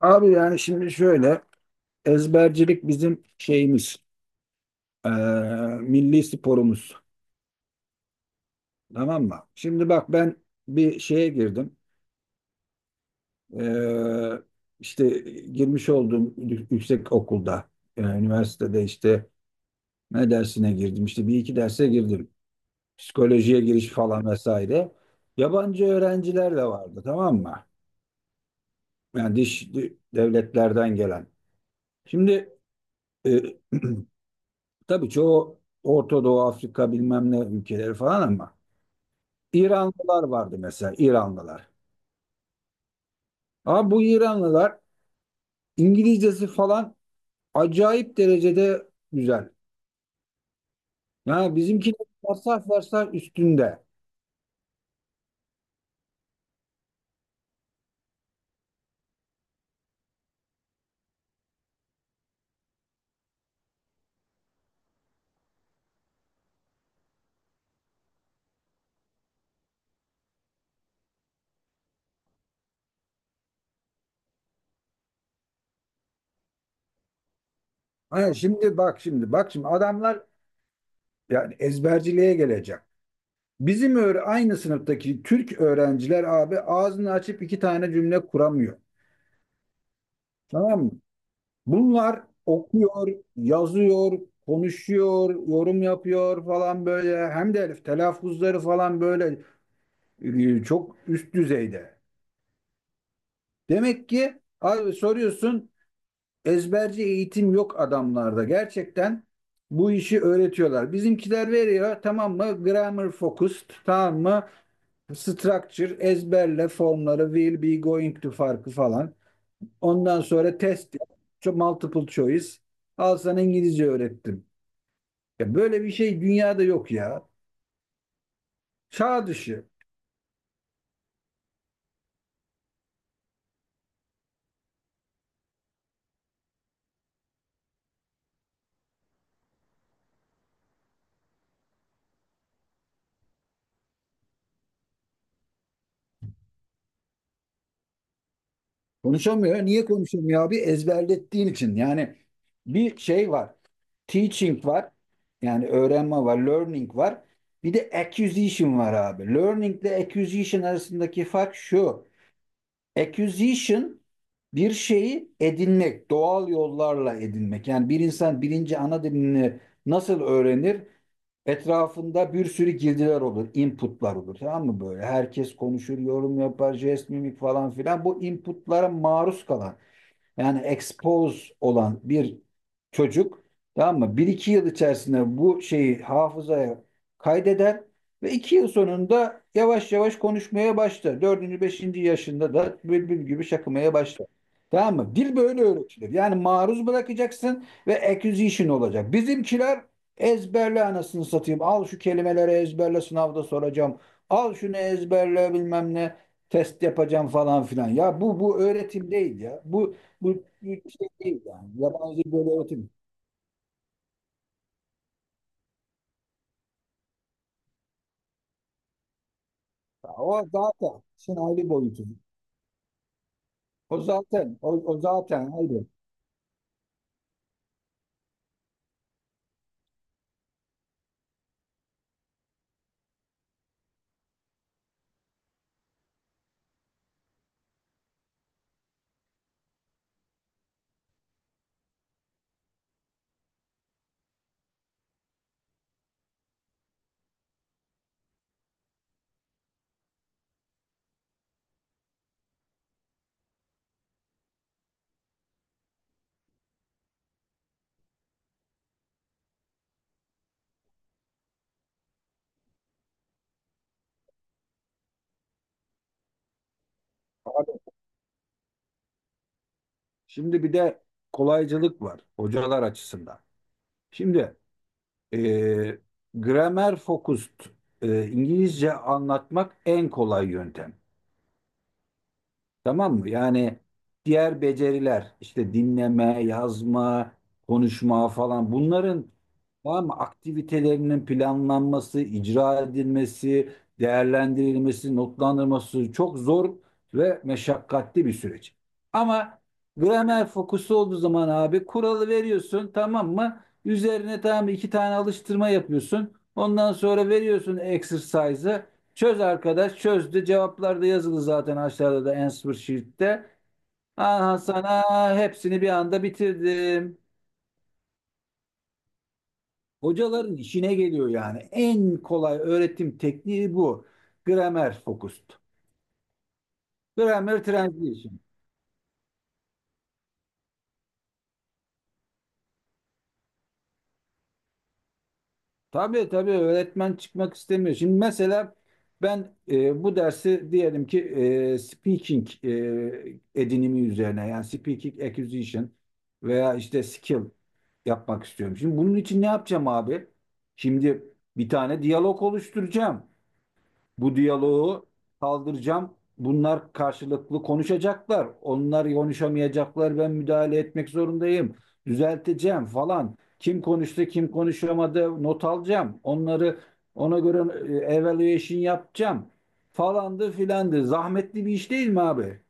Abi yani şimdi şöyle ezbercilik bizim şeyimiz eee, milli sporumuz tamam mı? Şimdi bak ben bir şeye girdim. Eee, işte girmiş olduğum yüksek okulda, üniversitede işte ne dersine girdim, işte bir iki derse girdim, psikolojiye giriş falan vesaire. Yabancı öğrenciler de vardı, tamam mı? Yani diş devletlerden gelen. Şimdi e, tabii çoğu Orta Doğu, Afrika bilmem ne ülkeleri falan ama İranlılar vardı mesela, İranlılar. Ama bu İranlılar İngilizcesi falan acayip derecede güzel. Yani bizimkiler varsayf varsayf üstünde. Ha, şimdi bak şimdi adamlar yani ezberciliğe gelecek. Bizim öyle aynı sınıftaki Türk öğrenciler abi ağzını açıp iki tane cümle kuramıyor. Tamam mı? Bunlar okuyor, yazıyor, konuşuyor, yorum yapıyor falan böyle. Hem de telaffuzları falan böyle çok üst düzeyde. Demek ki abi soruyorsun, ezberci eğitim yok adamlarda. Gerçekten bu işi öğretiyorlar. Bizimkiler veriyor, tamam mı? Grammar focused, tamam mı? Structure ezberle, formları will be going to farkı falan. Ondan sonra test, multiple choice. Al sana İngilizce öğrettim. Ya böyle bir şey dünyada yok ya. Çağ dışı. Konuşamıyor. Niye konuşamıyor abi? Ezberlettiğin için. Yani bir şey var. Teaching var. Yani öğrenme var. Learning var. Bir de acquisition var abi. Learning ile acquisition arasındaki fark şu. Acquisition bir şeyi edinmek, doğal yollarla edinmek. Yani bir insan birinci ana dilini nasıl öğrenir? Etrafında bir sürü girdiler olur, inputlar olur. Tamam mı böyle? Herkes konuşur, yorum yapar, jest, mimik falan filan. Bu inputlara maruz kalan, yani expose olan bir çocuk, tamam mı, bir iki yıl içerisinde bu şeyi hafızaya kaydeder ve 2 yıl sonunda yavaş yavaş konuşmaya başlar. Dördüncü beşinci yaşında da bülbül gibi şakımaya başlar. Tamam mı? Dil böyle öğretilir. Yani maruz bırakacaksın ve acquisition olacak. Bizimkiler ezberle anasını satayım. Al şu kelimeleri ezberle, sınavda soracağım. Al şunu ezberle bilmem ne, test yapacağım falan filan. Ya bu öğretim değil ya. Bu bir şey değil yani. Yabancı böyle öğretim. O zaten işin ayrı boyutu. O zaten ayrı. Abi, şimdi bir de kolaycılık var hocalar açısından. Şimdi e, gramer focused İngilizce anlatmak en kolay yöntem. Tamam mı? Yani diğer beceriler işte dinleme, yazma, konuşma falan, bunların, tamam mı, aktivitelerinin planlanması, icra edilmesi, değerlendirilmesi, notlandırılması çok zor ve meşakkatli bir süreç. Ama gramer fokusu olduğu zaman abi kuralı veriyorsun, tamam mı? Üzerine, tamam mı, iki tane alıştırma yapıyorsun. Ondan sonra veriyorsun exercise'ı. Çöz arkadaş, çözdü. Cevaplar da yazılı zaten aşağıda da answer sheet'te. Aha, sana hepsini bir anda bitirdim. Hocaların işine geliyor yani. En kolay öğretim tekniği bu. Grammar focused. Grammar translation. Tabii tabii öğretmen çıkmak istemiyor. Şimdi mesela ben bu dersi diyelim ki speaking edinimi üzerine, yani speaking acquisition veya işte skill yapmak istiyorum. Şimdi bunun için ne yapacağım abi? Şimdi bir tane diyalog oluşturacağım. Bu diyaloğu kaldıracağım. Bunlar karşılıklı konuşacaklar. Onlar konuşamayacaklar. Ben müdahale etmek zorundayım. Düzelteceğim falan. Kim konuştu, kim konuşamadı not alacağım. Onları ona göre evaluation yapacağım. Falandı filandı. Zahmetli bir iş değil mi abi?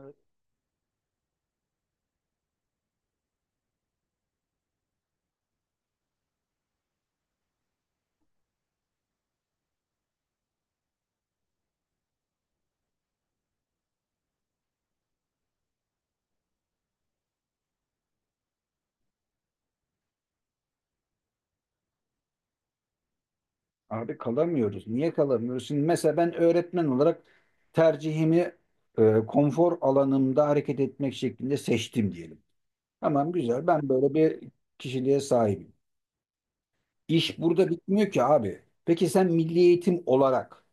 Evet. Abi kalamıyoruz. Niye kalamıyoruz? Şimdi mesela ben öğretmen olarak tercihimi konfor alanımda hareket etmek şeklinde seçtim diyelim. Tamam güzel. Ben böyle bir kişiliğe sahibim. İş burada bitmiyor ki abi. Peki sen milli eğitim olarak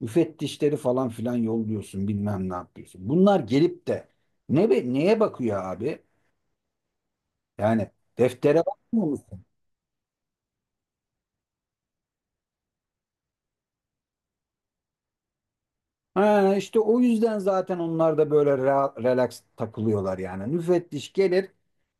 müfettişleri falan filan yolluyorsun, bilmem ne yapıyorsun. Bunlar gelip de neye bakıyor abi? Yani deftere bakmıyor musun? Ha, işte o yüzden zaten onlar da böyle relax takılıyorlar yani. Müfettiş gelir,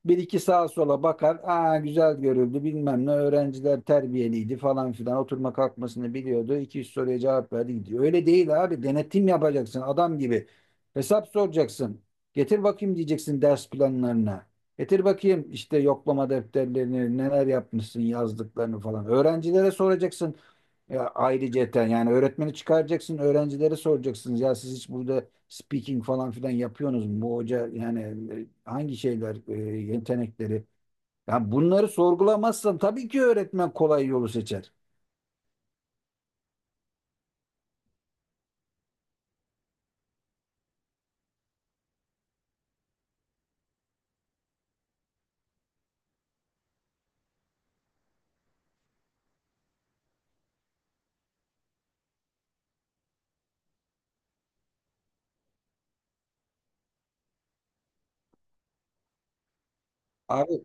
bir iki sağa sola bakar. Aa güzel, görüldü bilmem ne, öğrenciler terbiyeliydi falan filan, oturma kalkmasını biliyordu. İki üç soruya cevap verdi, gidiyor. Öyle değil abi, denetim yapacaksın adam gibi. Hesap soracaksın. Getir bakayım diyeceksin ders planlarına. Getir bakayım işte yoklama defterlerini, neler yapmışsın yazdıklarını falan. Öğrencilere soracaksın. Ya ayrıca yani öğretmeni çıkaracaksın, öğrencilere soracaksınız. Ya siz hiç burada speaking falan filan yapıyorsunuz mu? Bu hoca yani hangi şeyler, yetenekleri? Ya bunları sorgulamazsan tabii ki öğretmen kolay yolu seçer. Abi,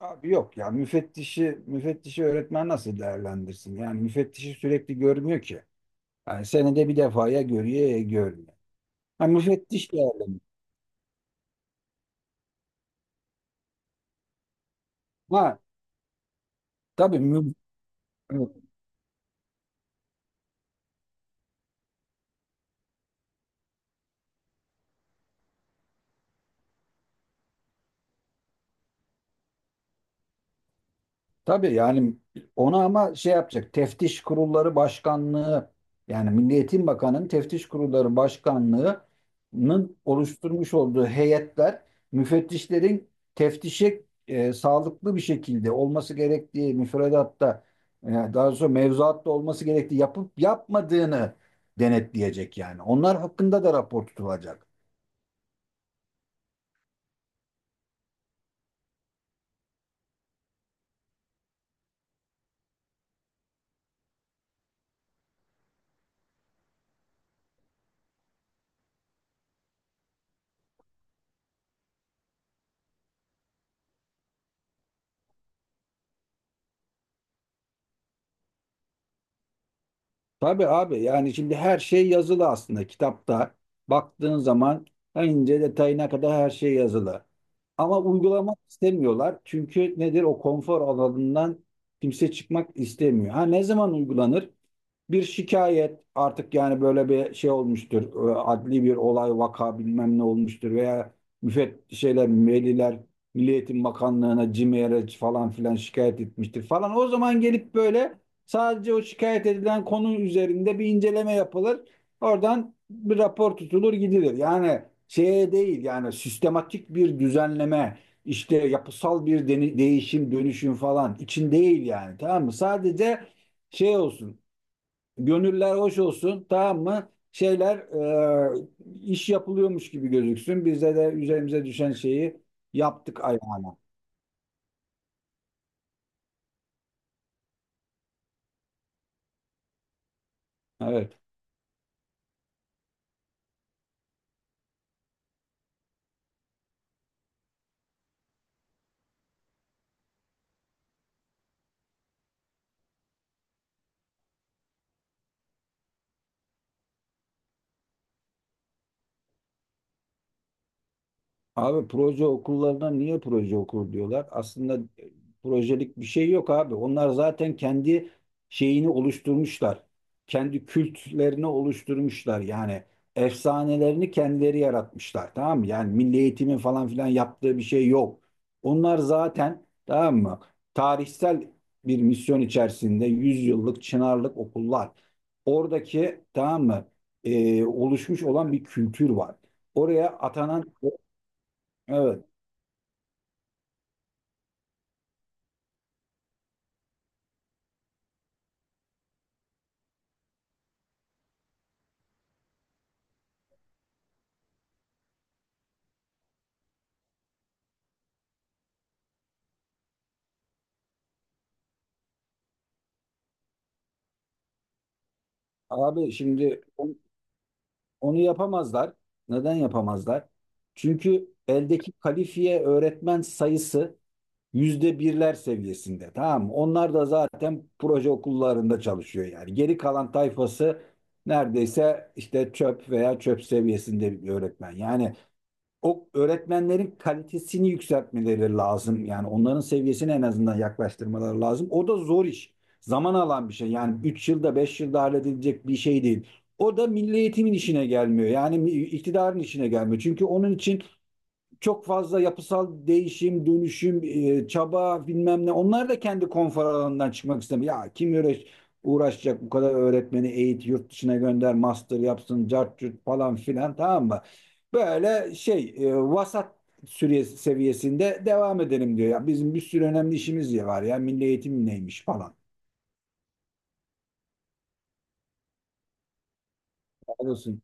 abi, yok ya, müfettişi öğretmen nasıl değerlendirsin? Yani müfettişi sürekli görmüyor ki. Yani senede bir defaya görüyor, ya görmüyor. Ha, müfettiş değerlendiriyor. Ha tabii evet. Tabii yani ona ama şey yapacak. Teftiş Kurulları Başkanlığı, yani Milli Eğitim Bakanı'nın Teftiş Kurulları Başkanlığı'nın oluşturmuş olduğu heyetler müfettişlerin teftişe sağlıklı bir şekilde olması gerektiği, müfredatta, daha sonra mevzuatta olması gerektiği, yapıp yapmadığını denetleyecek yani. Onlar hakkında da rapor tutulacak. Tabii abi, yani şimdi her şey yazılı aslında kitapta. Baktığın zaman en ince detayına kadar her şey yazılı. Ama uygulamak istemiyorlar. Çünkü nedir, o konfor alanından kimse çıkmak istemiyor. Ha ne zaman uygulanır? Bir şikayet artık, yani böyle bir şey olmuştur. Adli bir olay, vaka bilmem ne olmuştur veya şeyler, veliler Milli Eğitim Bakanlığı'na CİMER'e falan filan şikayet etmiştir falan. O zaman gelip böyle sadece o şikayet edilen konu üzerinde bir inceleme yapılır. Oradan bir rapor tutulur, gidilir. Yani şeye değil, yani sistematik bir düzenleme, işte yapısal bir değişim, dönüşüm falan için değil yani, tamam mı? Sadece şey olsun, gönüller hoş olsun, tamam mı? Şeyler, e, iş yapılıyormuş gibi gözüksün. Bizde de üzerimize düşen şeyi yaptık ayağına. Evet. Abi proje okullarına niye proje okulu diyorlar? Aslında e, projelik bir şey yok abi. Onlar zaten kendi şeyini oluşturmuşlar. Kendi kültlerini oluşturmuşlar. Yani efsanelerini kendileri yaratmışlar. Tamam mı? Yani milli eğitimin falan filan yaptığı bir şey yok. Onlar zaten, tamam mı, tarihsel bir misyon içerisinde yüzyıllık Çınarlık okullar. Oradaki, tamam mı, oluşmuş olan bir kültür var. Oraya atanan evet. Abi şimdi onu yapamazlar. Neden yapamazlar? Çünkü eldeki kalifiye öğretmen sayısı %1'ler seviyesinde. Tamam mı? Onlar da zaten proje okullarında çalışıyor yani. Geri kalan tayfası neredeyse işte çöp veya çöp seviyesinde bir öğretmen. Yani o öğretmenlerin kalitesini yükseltmeleri lazım. Yani onların seviyesine en azından yaklaştırmaları lazım. O da zor iş. Zaman alan bir şey. Yani 3 yılda 5 yılda halledilecek bir şey değil. O da milli eğitimin işine gelmiyor. Yani iktidarın işine gelmiyor. Çünkü onun için çok fazla yapısal değişim, dönüşüm, çaba bilmem ne. Onlar da kendi konfor alanından çıkmak istemiyor. Ya kim uğraş, uğraşacak bu kadar öğretmeni eğit, yurt dışına gönder, master yapsın, cart curt falan filan, tamam mı? Böyle şey vasat süre seviyesinde devam edelim diyor. Ya bizim bir sürü önemli işimiz ya var ya, milli eğitim neymiş falan. Olsun.